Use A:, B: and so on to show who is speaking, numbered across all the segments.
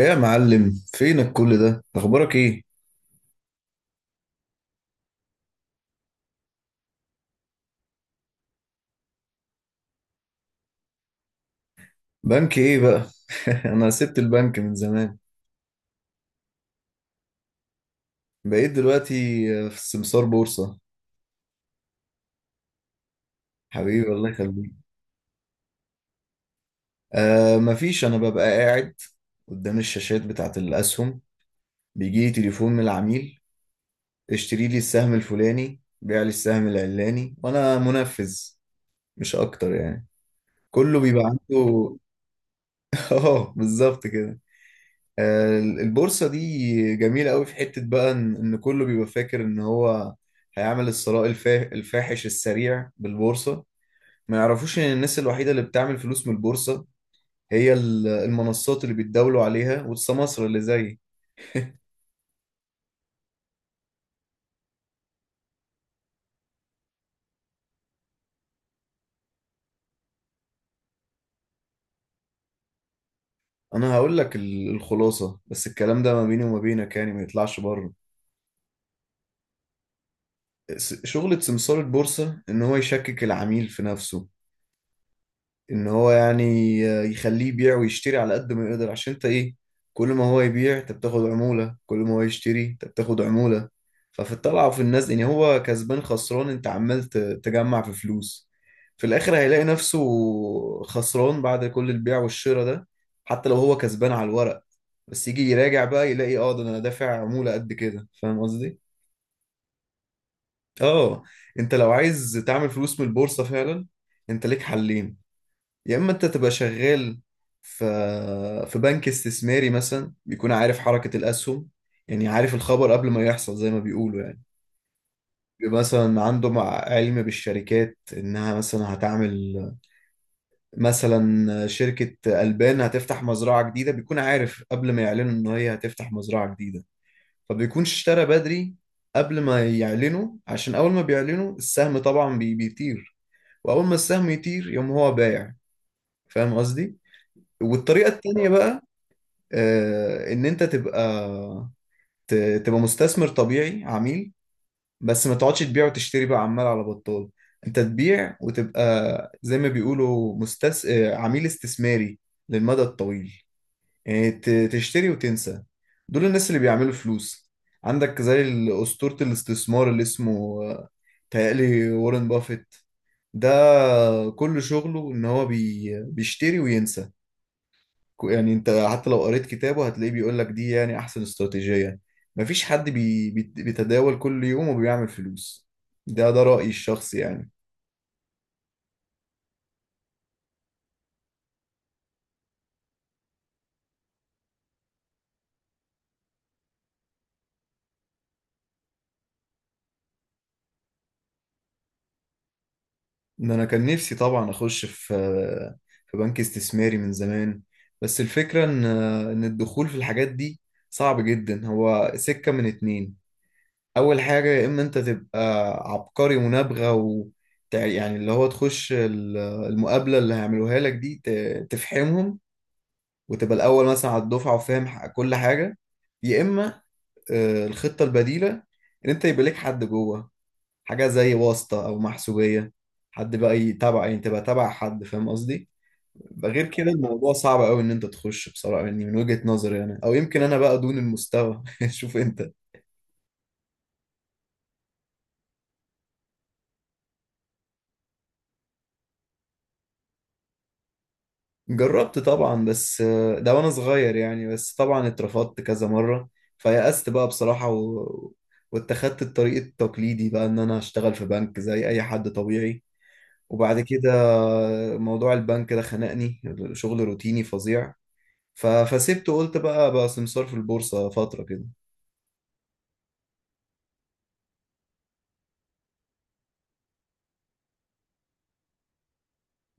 A: ايه يا معلم، فينك كل ده؟ اخبارك ايه؟ بنك ايه بقى؟ انا سبت البنك من زمان. بقيت دلوقتي في السمسار بورصة. حبيبي الله يخليك. مفيش، انا ببقى قاعد قدام الشاشات بتاعت الاسهم، بيجي لي تليفون من العميل: اشتري لي السهم الفلاني، بيع لي السهم العلاني، وانا منفذ، مش اكتر يعني، كله بيبقى عنده. اه، بالظبط كده. البورصة دي جميلة قوي في حتة بقى، إن كله بيبقى فاكر إن هو هيعمل الثراء الفاحش السريع بالبورصة. ما يعرفوش إن الناس الوحيدة اللي بتعمل فلوس من البورصة هي المنصات اللي بيتداولوا عليها، والسماسرة اللي زي أنا. هقول لك الخلاصة، بس الكلام ده ما بيني وما بينك يعني، ما يطلعش بره. شغلة سمسار البورصة إن هو يشكك العميل في نفسه، ان هو يعني يخليه يبيع ويشتري على قد ما يقدر، عشان انت ايه، كل ما هو يبيع انت بتاخد عمولة، كل ما هو يشتري انت بتاخد عمولة. ففي الطلعة وفي النزل، يعني هو كسبان خسران، انت عمال تجمع في فلوس. في الاخر هيلاقي نفسه خسران بعد كل البيع والشراء ده، حتى لو هو كسبان على الورق، بس يجي يراجع بقى يلاقي، اه ده انا دافع عمولة قد كده. فاهم قصدي؟ اه. انت لو عايز تعمل فلوس من البورصة فعلا، انت ليك حلين. يا اما انت تبقى شغال في في بنك استثماري مثلا، بيكون عارف حركة الاسهم، يعني عارف الخبر قبل ما يحصل زي ما بيقولوا يعني. بيبقى مثلا عنده مع علم بالشركات، انها مثلا هتعمل، مثلا شركة البان هتفتح مزرعة جديدة، بيكون عارف قبل ما يعلنوا ان هي هتفتح مزرعة جديدة، فبيكونش اشترى بدري قبل ما يعلنوا، عشان اول ما بيعلنوا السهم طبعا بيطير، واول ما السهم يطير يقوم هو بايع. فاهم قصدي؟ والطريقة التانية بقى، ان انت تبقى ت- تبقى مستثمر طبيعي، عميل، بس ما تقعدش تبيع وتشتري بقى عمال على بطال. انت تبيع وتبقى زي ما بيقولوا مستس... آه، عميل استثماري للمدى الطويل، يعني تشتري وتنسى. دول الناس اللي بيعملوا فلوس. عندك زي أسطورة الاستثمار اللي اسمه تهيألي وارن بافيت. ده كل شغله ان هو بيشتري وينسى. يعني انت حتى لو قريت كتابه هتلاقيه بيقول لك دي يعني احسن استراتيجية. مفيش حد بيتداول كل يوم وبيعمل فلوس. ده رأيي الشخصي يعني. ان انا كان نفسي طبعا اخش في في بنك استثماري من زمان، بس الفكرة ان الدخول في الحاجات دي صعب جدا. هو سكة من اتنين. اول حاجة، يا اما انت تبقى عبقري منابغة، و يعني اللي هو تخش المقابلة اللي هيعملوها لك دي تفحمهم، وتبقى الاول مثلا على الدفعه، وفاهم كل حاجه. يا اما الخطه البديله، ان انت يبقى لك حد جوه، حاجه زي واسطه او محسوبيه، حد بقى يتابع، يعني تبقى تابع حد، فاهم قصدي؟ يبقى غير كده الموضوع صعب قوي ان انت تخش بصراحه يعني، من وجهه نظري يعني، او يمكن انا بقى دون المستوى. شوف انت. جربت طبعا، بس ده وانا صغير يعني، بس طبعا اترفضت كذا مره، فيأست بقى بصراحه، و... واتخذت الطريق التقليدي بقى، ان انا اشتغل في بنك زي اي حد طبيعي. وبعد كده موضوع البنك ده خنقني، شغل روتيني فظيع، ف... فسبته، قلت بقى سمسار في البورصة فترة كده.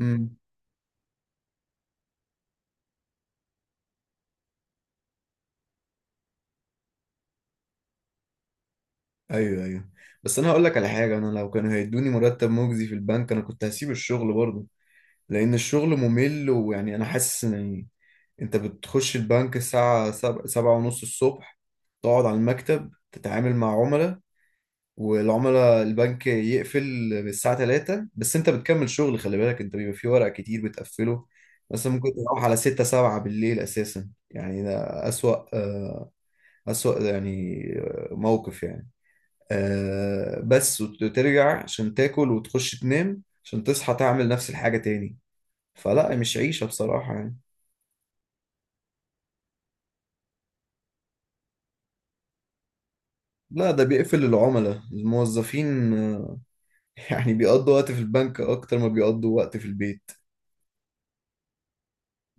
A: امم. ايوه، ايوه. بس انا هقول لك على حاجة، انا لو كانوا هيدوني مرتب مجزي في البنك انا كنت هسيب الشغل برضه، لان الشغل ممل، ويعني انا حاسس ان يعني انت بتخش البنك الساعة سبعة، سبعة ونص الصبح، تقعد على المكتب تتعامل مع عملاء، والعملاء البنك يقفل من الساعة 3، بس انت بتكمل شغل، خلي بالك انت بيبقى في ورق كتير بتقفله، بس ممكن تروح على 6، 7 بالليل اساسا يعني. ده اسوأ آه، اسوأ يعني، موقف يعني، بس، وترجع عشان تاكل وتخش تنام عشان تصحى تعمل نفس الحاجة تاني. فلا، مش عيشة بصراحة يعني. لا، ده بيقفل العملاء، الموظفين يعني بيقضوا وقت في البنك اكتر ما بيقضوا وقت في البيت.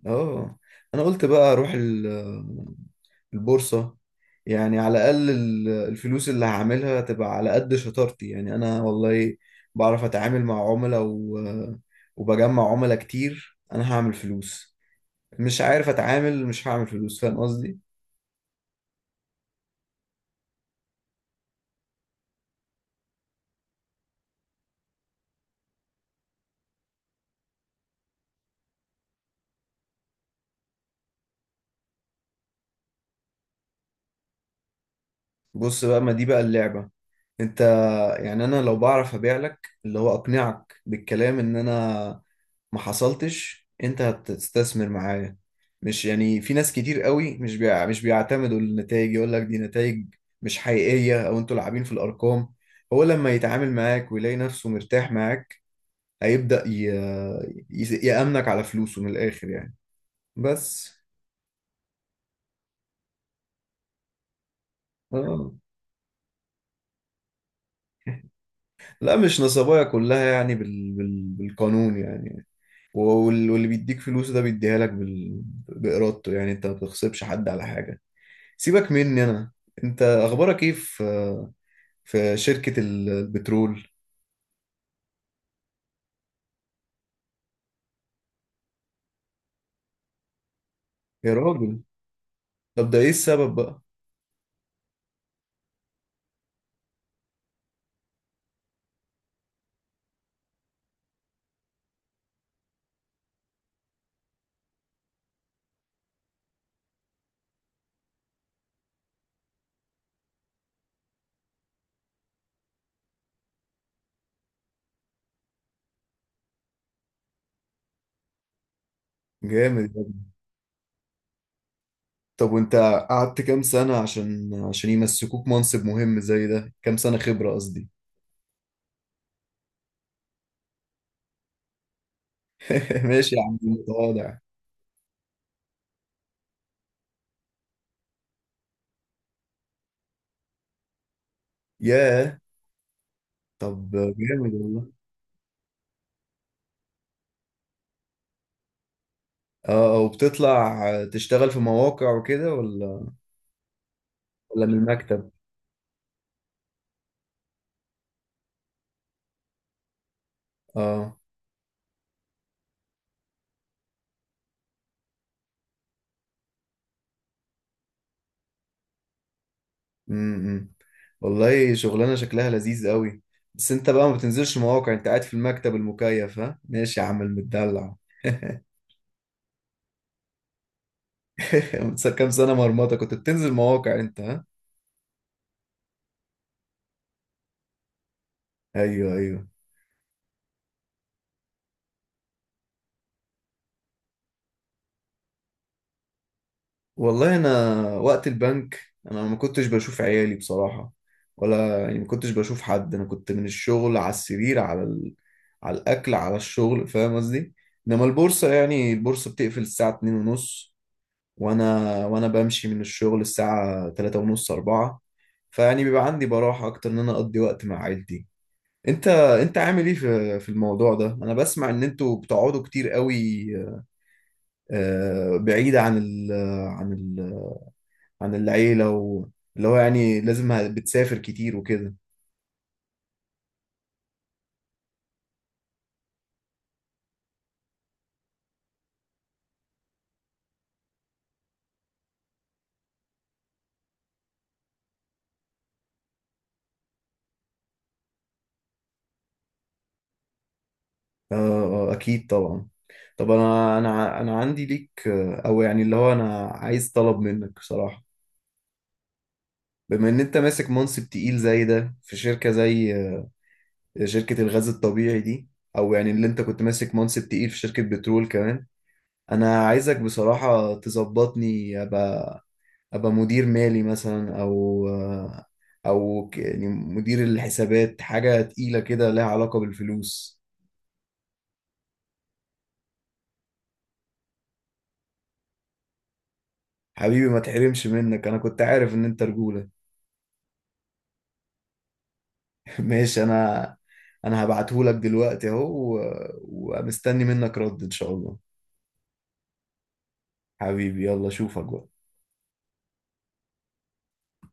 A: اه. انا قلت بقى اروح البورصة، يعني على الأقل الفلوس اللي هعملها تبقى على قد شطارتي يعني. أنا والله بعرف أتعامل مع عملاء، و... وبجمع عملاء كتير، أنا هعمل فلوس. مش عارف أتعامل، مش هعمل فلوس. فاهم قصدي؟ بص بقى، ما دي بقى اللعبة. أنت، يعني أنا لو بعرف أبيع لك، اللي هو أقنعك بالكلام، إن أنا ما حصلتش، انت هتستثمر معايا. مش يعني، في ناس كتير قوي مش مش بيعتمدوا النتائج، يقول لك دي نتائج مش حقيقية، او انتوا لاعبين في الارقام. هو لما يتعامل معاك ويلاقي نفسه مرتاح معاك هيبدأ يأمنك على فلوسه من الاخر يعني. بس آه. لا، مش نصبايا، كلها يعني بالقانون يعني، واللي بيديك فلوس ده بيديها لك بإرادته يعني، انت ما بتغصبش حد على حاجة. سيبك مني انا، انت اخبارك ايه في شركة البترول؟ يا راجل، طب ده ايه السبب بقى؟ جامد يا ابني. طب وانت قعدت كام سنة عشان يمسكوك منصب مهم زي ده؟ كام سنة خبرة قصدي. ماشي يا عم، متواضع. ياه. طب. جامد والله. اه، وبتطلع تشتغل في مواقع وكده ولا؟ ولا من المكتب؟ اه. امم. والله شغلانه شكلها لذيذ قوي. بس انت بقى ما بتنزلش مواقع، انت قاعد في المكتب المكيف، ها، ماشي يا عم المدلع. كام سنه مرمطه كنت بتنزل مواقع انت، ها؟ ايوه، ايوه. والله انا، وقت البنك، انا ما كنتش بشوف عيالي بصراحه، ولا يعني ما كنتش بشوف حد. انا كنت من الشغل على السرير، على ال... على الاكل، على الشغل. فاهم قصدي؟ انما البورصه، يعني البورصه بتقفل الساعه 2 ونص، وانا بمشي من الشغل الساعه 3 ونص، 4. فيعني بيبقى عندي براحة أكتر إن أنا أقضي وقت مع عيلتي. أنت أنت عامل إيه في الموضوع ده؟ أنا بسمع إن أنتوا بتقعدوا كتير قوي بعيد عن ال عن ال عن العيلة، واللي هو يعني لازم، بتسافر كتير وكده. آه. أكيد طبعا. طب أنا، أنا عندي ليك أو يعني اللي هو أنا عايز طلب منك بصراحة. بما إن أنت ماسك منصب تقيل زي ده في شركة زي شركة الغاز الطبيعي دي، أو يعني اللي أنت كنت ماسك منصب تقيل في شركة بترول كمان، انا عايزك بصراحة تظبطني، ابقى مدير مالي مثلا، او يعني مدير الحسابات، حاجة تقيلة كده لها علاقة بالفلوس. حبيبي، ما تحرمش منك، انا كنت عارف ان انت رجولة. ماشي، انا انا هبعتهولك دلوقتي اهو، ومستني منك رد ان شاء الله. حبيبي، يلا اشوفك بقى.